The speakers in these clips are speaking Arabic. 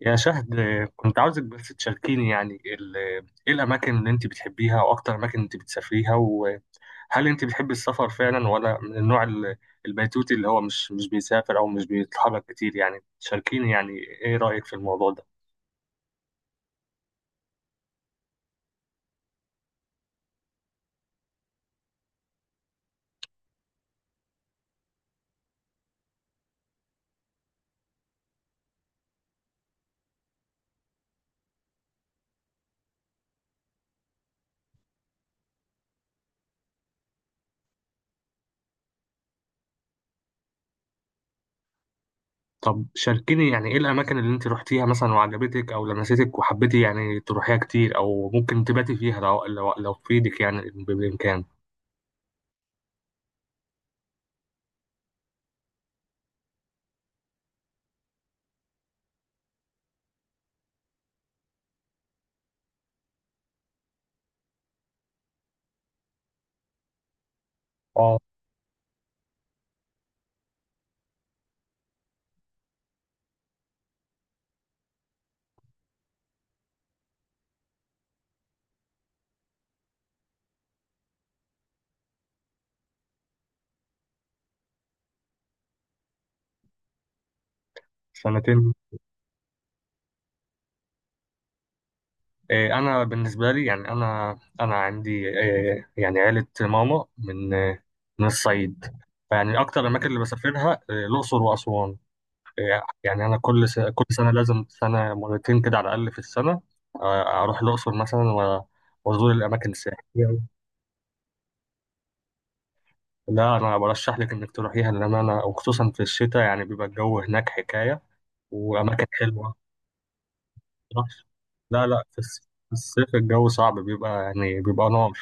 يا شهد، كنت عاوزك بس تشاركيني يعني ايه الاماكن اللي انت بتحبيها واكتر اماكن انت بتسافريها، وهل انت بتحبي السفر فعلا ولا من النوع البيتوتي اللي هو مش بيسافر او مش بيتحرك كتير. يعني تشاركيني يعني ايه رايك في الموضوع ده. طب شاركيني يعني ايه الاماكن اللي انت روحتيها مثلا وعجبتك او لمستك وحبيتي يعني تروحيها كتير او ممكن تباتي فيها، لو لو في ايدك يعني بامكان. اه، سنتين. انا بالنسبه لي يعني انا عندي يعني عيله ماما من من الصعيد. فيعني اكتر الاماكن اللي بسافرها الاقصر واسوان. يعني انا كل سنه، لازم سنه مرتين كده على الاقل في السنه. اروح الاقصر مثلا وازور الاماكن السياحيه. لا، انا برشح لك انك تروحيها، لان انا وخصوصا في الشتاء يعني بيبقى الجو هناك حكايه، واماكن حلوه. لا لا، في الصيف الجو صعب، بيبقى يعني بيبقى نار.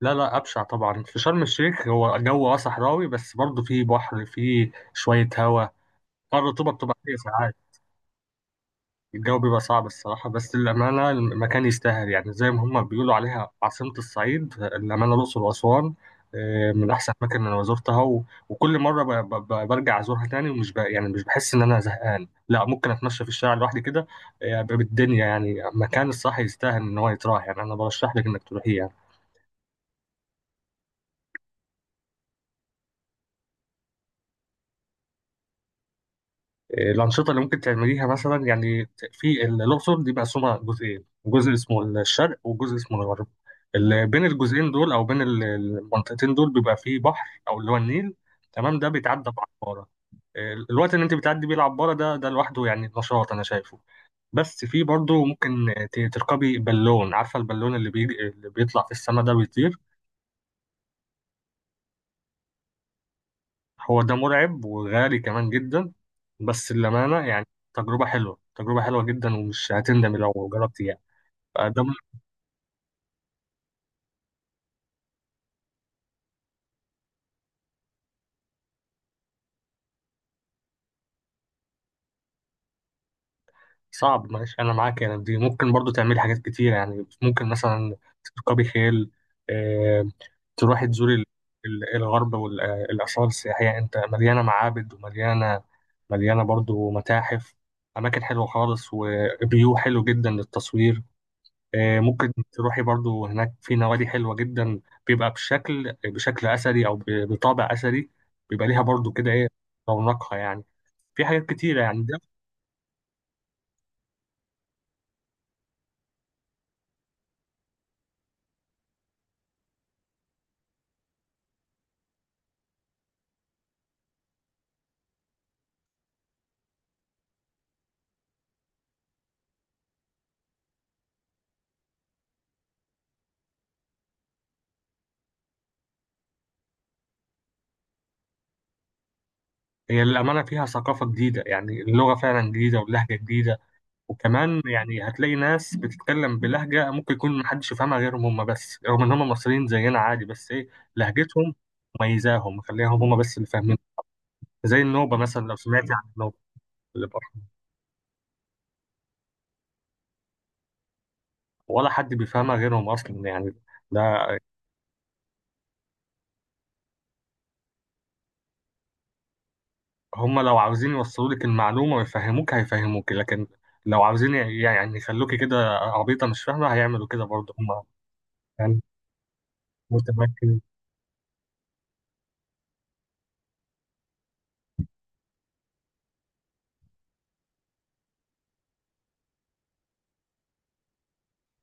لا لا، أبشع طبعا في شرم الشيخ، هو جو صحراوي، بس برضه فيه بحر، فيه شوية هوا. اه الرطوبة بتبقى عالية ساعات. الجو بيبقى صعب الصراحة، بس للأمانة المكان يستاهل يعني، زي ما هما بيقولوا عليها عاصمة الصعيد، الأمانة الأقصر وأسوان. من أحسن الأماكن اللي أنا زرتها وكل مرة برجع أزورها تاني، يعني مش بحس إن أنا زهقان، لا ممكن أتمشى في الشارع لوحدي كده. بالدنيا يعني، مكان الصح يستاهل إن هو يتراح، يعني أنا برشح لك إنك تروحيه يعني. الأنشطة اللي ممكن تعمليها مثلا يعني في الأقصر، دي مقسومة جزئين، جزء اسمه الشرق وجزء اسمه الغرب. اللي بين الجزئين دول، أو بين المنطقتين دول، بيبقى فيه بحر أو اللي هو النيل. تمام، ده بيتعدى بعبارة. الوقت اللي أنت بتعدي بيه العبارة ده، ده لوحده يعني نشاط أنا شايفه. بس في برضه ممكن تركبي بالون، عارفة البالون اللي بيجي، اللي بيطلع في السماء ده، بيطير. هو ده مرعب وغالي كمان جدا، بس للأمانة يعني تجربة حلوة، تجربة حلوة جدا، ومش هتندمي لو جربتي. فده صعب، معلش انا معاك. يعني دي ممكن برضو تعملي حاجات كتير، يعني ممكن مثلا تركبي خيل. آه، تروحي تزوري الغرب والآثار السياحية. انت مليانة معابد، ومليانة، مليانة برضو متاحف، أماكن حلوة خالص وفيو حلو جدا للتصوير. ممكن تروحي برضو هناك في نوادي حلوة جدا، بيبقى بشكل أثري أو بطابع أثري. بيبقى ليها برضو كده إيه، رونقها يعني. في حاجات كتيرة يعني ده. هي للأمانة فيها ثقافة جديدة، يعني اللغة فعلا جديدة، واللهجة جديدة. وكمان يعني هتلاقي ناس بتتكلم بلهجة، ممكن يكون محدش يفهمها غيرهم هم بس، رغم إن هم مصريين زينا عادي، بس إيه، لهجتهم مميزاهم، مخليهم هم بس اللي فاهمين. زي النوبة مثلا، لو سمعت عن النوبة اللي بره، ولا حد بيفهمها غيرهم أصلا يعني ده. هم لو عاوزين يوصلوا لك المعلومة ويفهموك هيفهموك، لكن لو عاوزين يعني يخلوكي كده عبيطة مش فاهمة، هيعملوا كده برضه هم. يعني متمكن،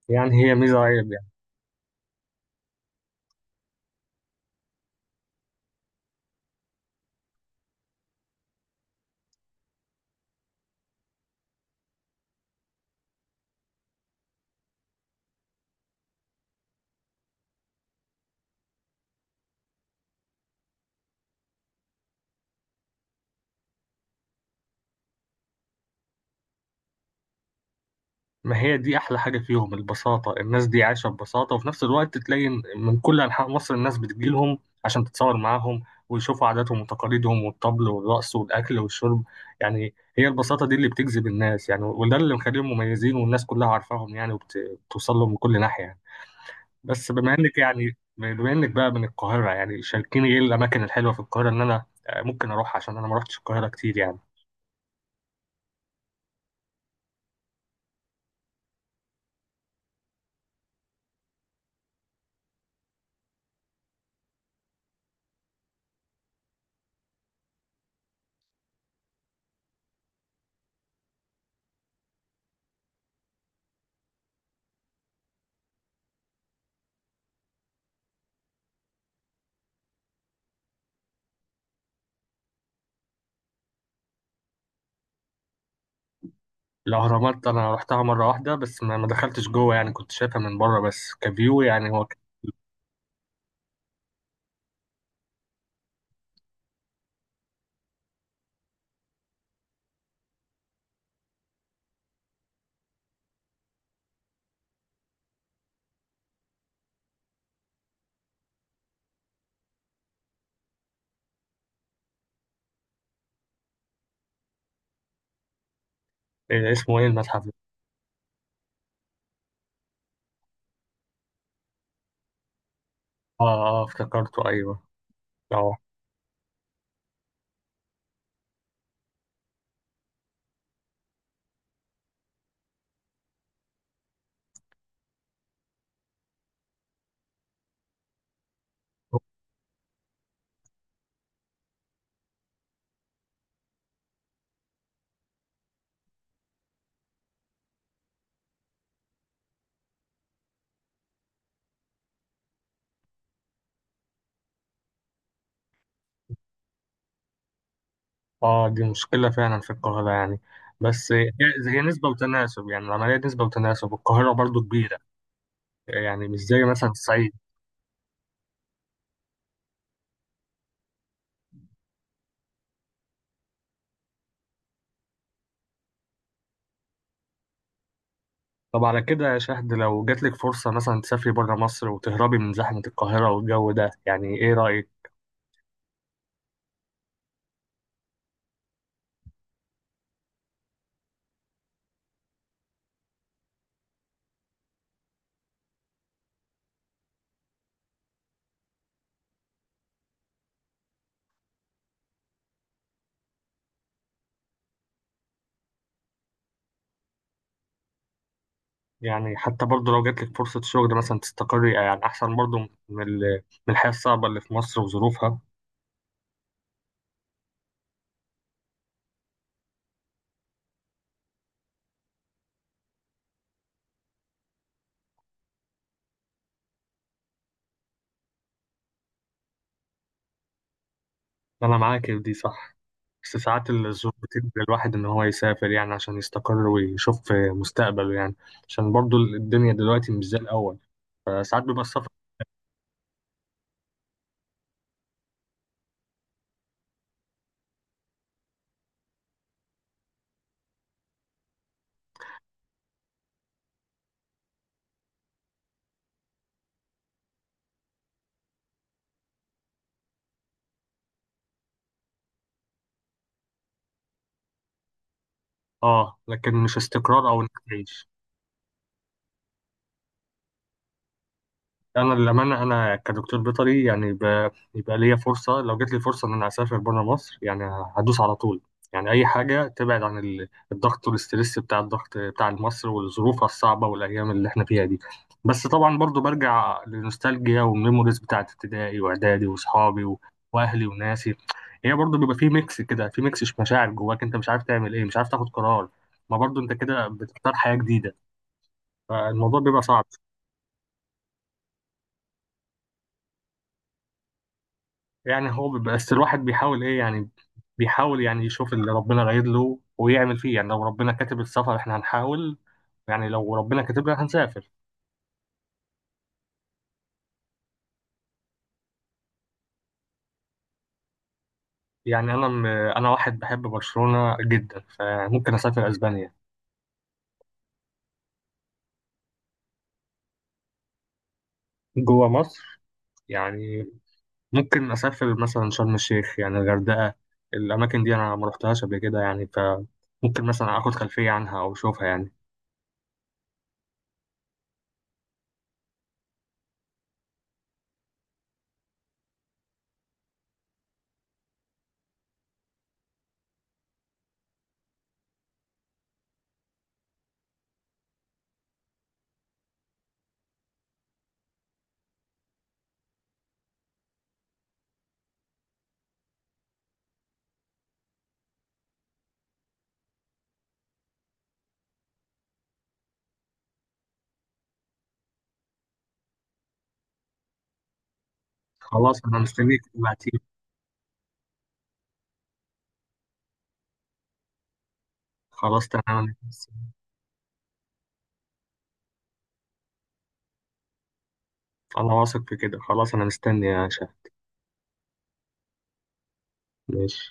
يعني هي ميزة. ما هي دي احلى حاجه فيهم، البساطه. الناس دي عايشه ببساطه، وفي نفس الوقت تلاقي إن من كل انحاء مصر الناس بتجيلهم عشان تتصور معاهم ويشوفوا عاداتهم وتقاليدهم، والطبل والرقص والاكل والشرب. يعني هي البساطه دي اللي بتجذب الناس يعني، وده اللي مخليهم مميزين والناس كلها عارفاهم يعني، وبتوصل لهم من كل ناحيه يعني. بس بما انك يعني، بما انك بقى من القاهره، يعني شاركيني ايه الاماكن الحلوه في القاهره ان انا ممكن اروح، عشان انا ما رحتش القاهره كتير يعني. الأهرامات أنا رحتها مرة واحدة بس، ما دخلتش جوه يعني، كنت شايفها من بره بس كفيو، يعني هو إيه اسمه إيه المتحف ده؟ آه. آه افتكرته، أيوه. آه. آه، دي مشكلة فعلا في القاهرة يعني. بس هي، هي نسبة وتناسب يعني، العملية نسبة وتناسب. القاهرة برضو كبيرة، يعني مش زي مثلا الصعيد. طب على كده يا شهد، لو جاتلك فرصة مثلا تسافري بره مصر وتهربي من زحمة القاهرة والجو ده، يعني إيه رأيك؟ يعني حتى برضه لو جاتلك فرصة شغل مثلا تستقري، يعني أحسن برضه من من الحياة الصعبة اللي في مصر وظروفها. أنا معاك في دي صح، بس ساعات الظروف بتجبر الواحد إن هو يسافر يعني، عشان يستقر ويشوف مستقبله يعني. عشان برضه الدنيا دلوقتي مش زي الأول، فساعات بيبقى السفر. آه، لكن مش استقرار أو إنك تعيش. انا للامانه انا كدكتور بيطري يعني، يبقى ليا فرصه، لو جت لي فرصه ان انا اسافر بره مصر يعني، هدوس على طول. يعني اي حاجه تبعد عن الضغط والاسترس، بتاع الضغط بتاع مصر والظروف الصعبه والايام اللي احنا فيها دي. بس طبعا برضو برجع للنوستالجيا والميموريز بتاعت ابتدائي واعدادي واصحابي واهلي وناسي. هي برضو بيبقى في ميكس كده، في ميكس مشاعر جواك، انت مش عارف تعمل ايه، مش عارف تاخد قرار، ما برضو انت كده بتختار حياه جديده، فالموضوع بيبقى صعب. يعني هو بس الواحد بيحاول ايه يعني، بيحاول يعني يشوف اللي ربنا رايد له ويعمل فيه يعني. لو ربنا كاتب السفر احنا هنحاول، يعني لو ربنا كاتب لنا هنسافر. يعني انا واحد بحب برشلونة جدا، فممكن اسافر اسبانيا. جوه مصر، يعني ممكن اسافر مثلا شرم الشيخ يعني، الغردقة. الاماكن دي انا ما رحتهاش قبل كده يعني، فممكن مثلا اخد خلفية عنها او اشوفها يعني. خلاص انا مستنيك تبعتيلي. خلاص تمام. انا واثق في كده، خلاص انا مستني يا شيخ. ماشي.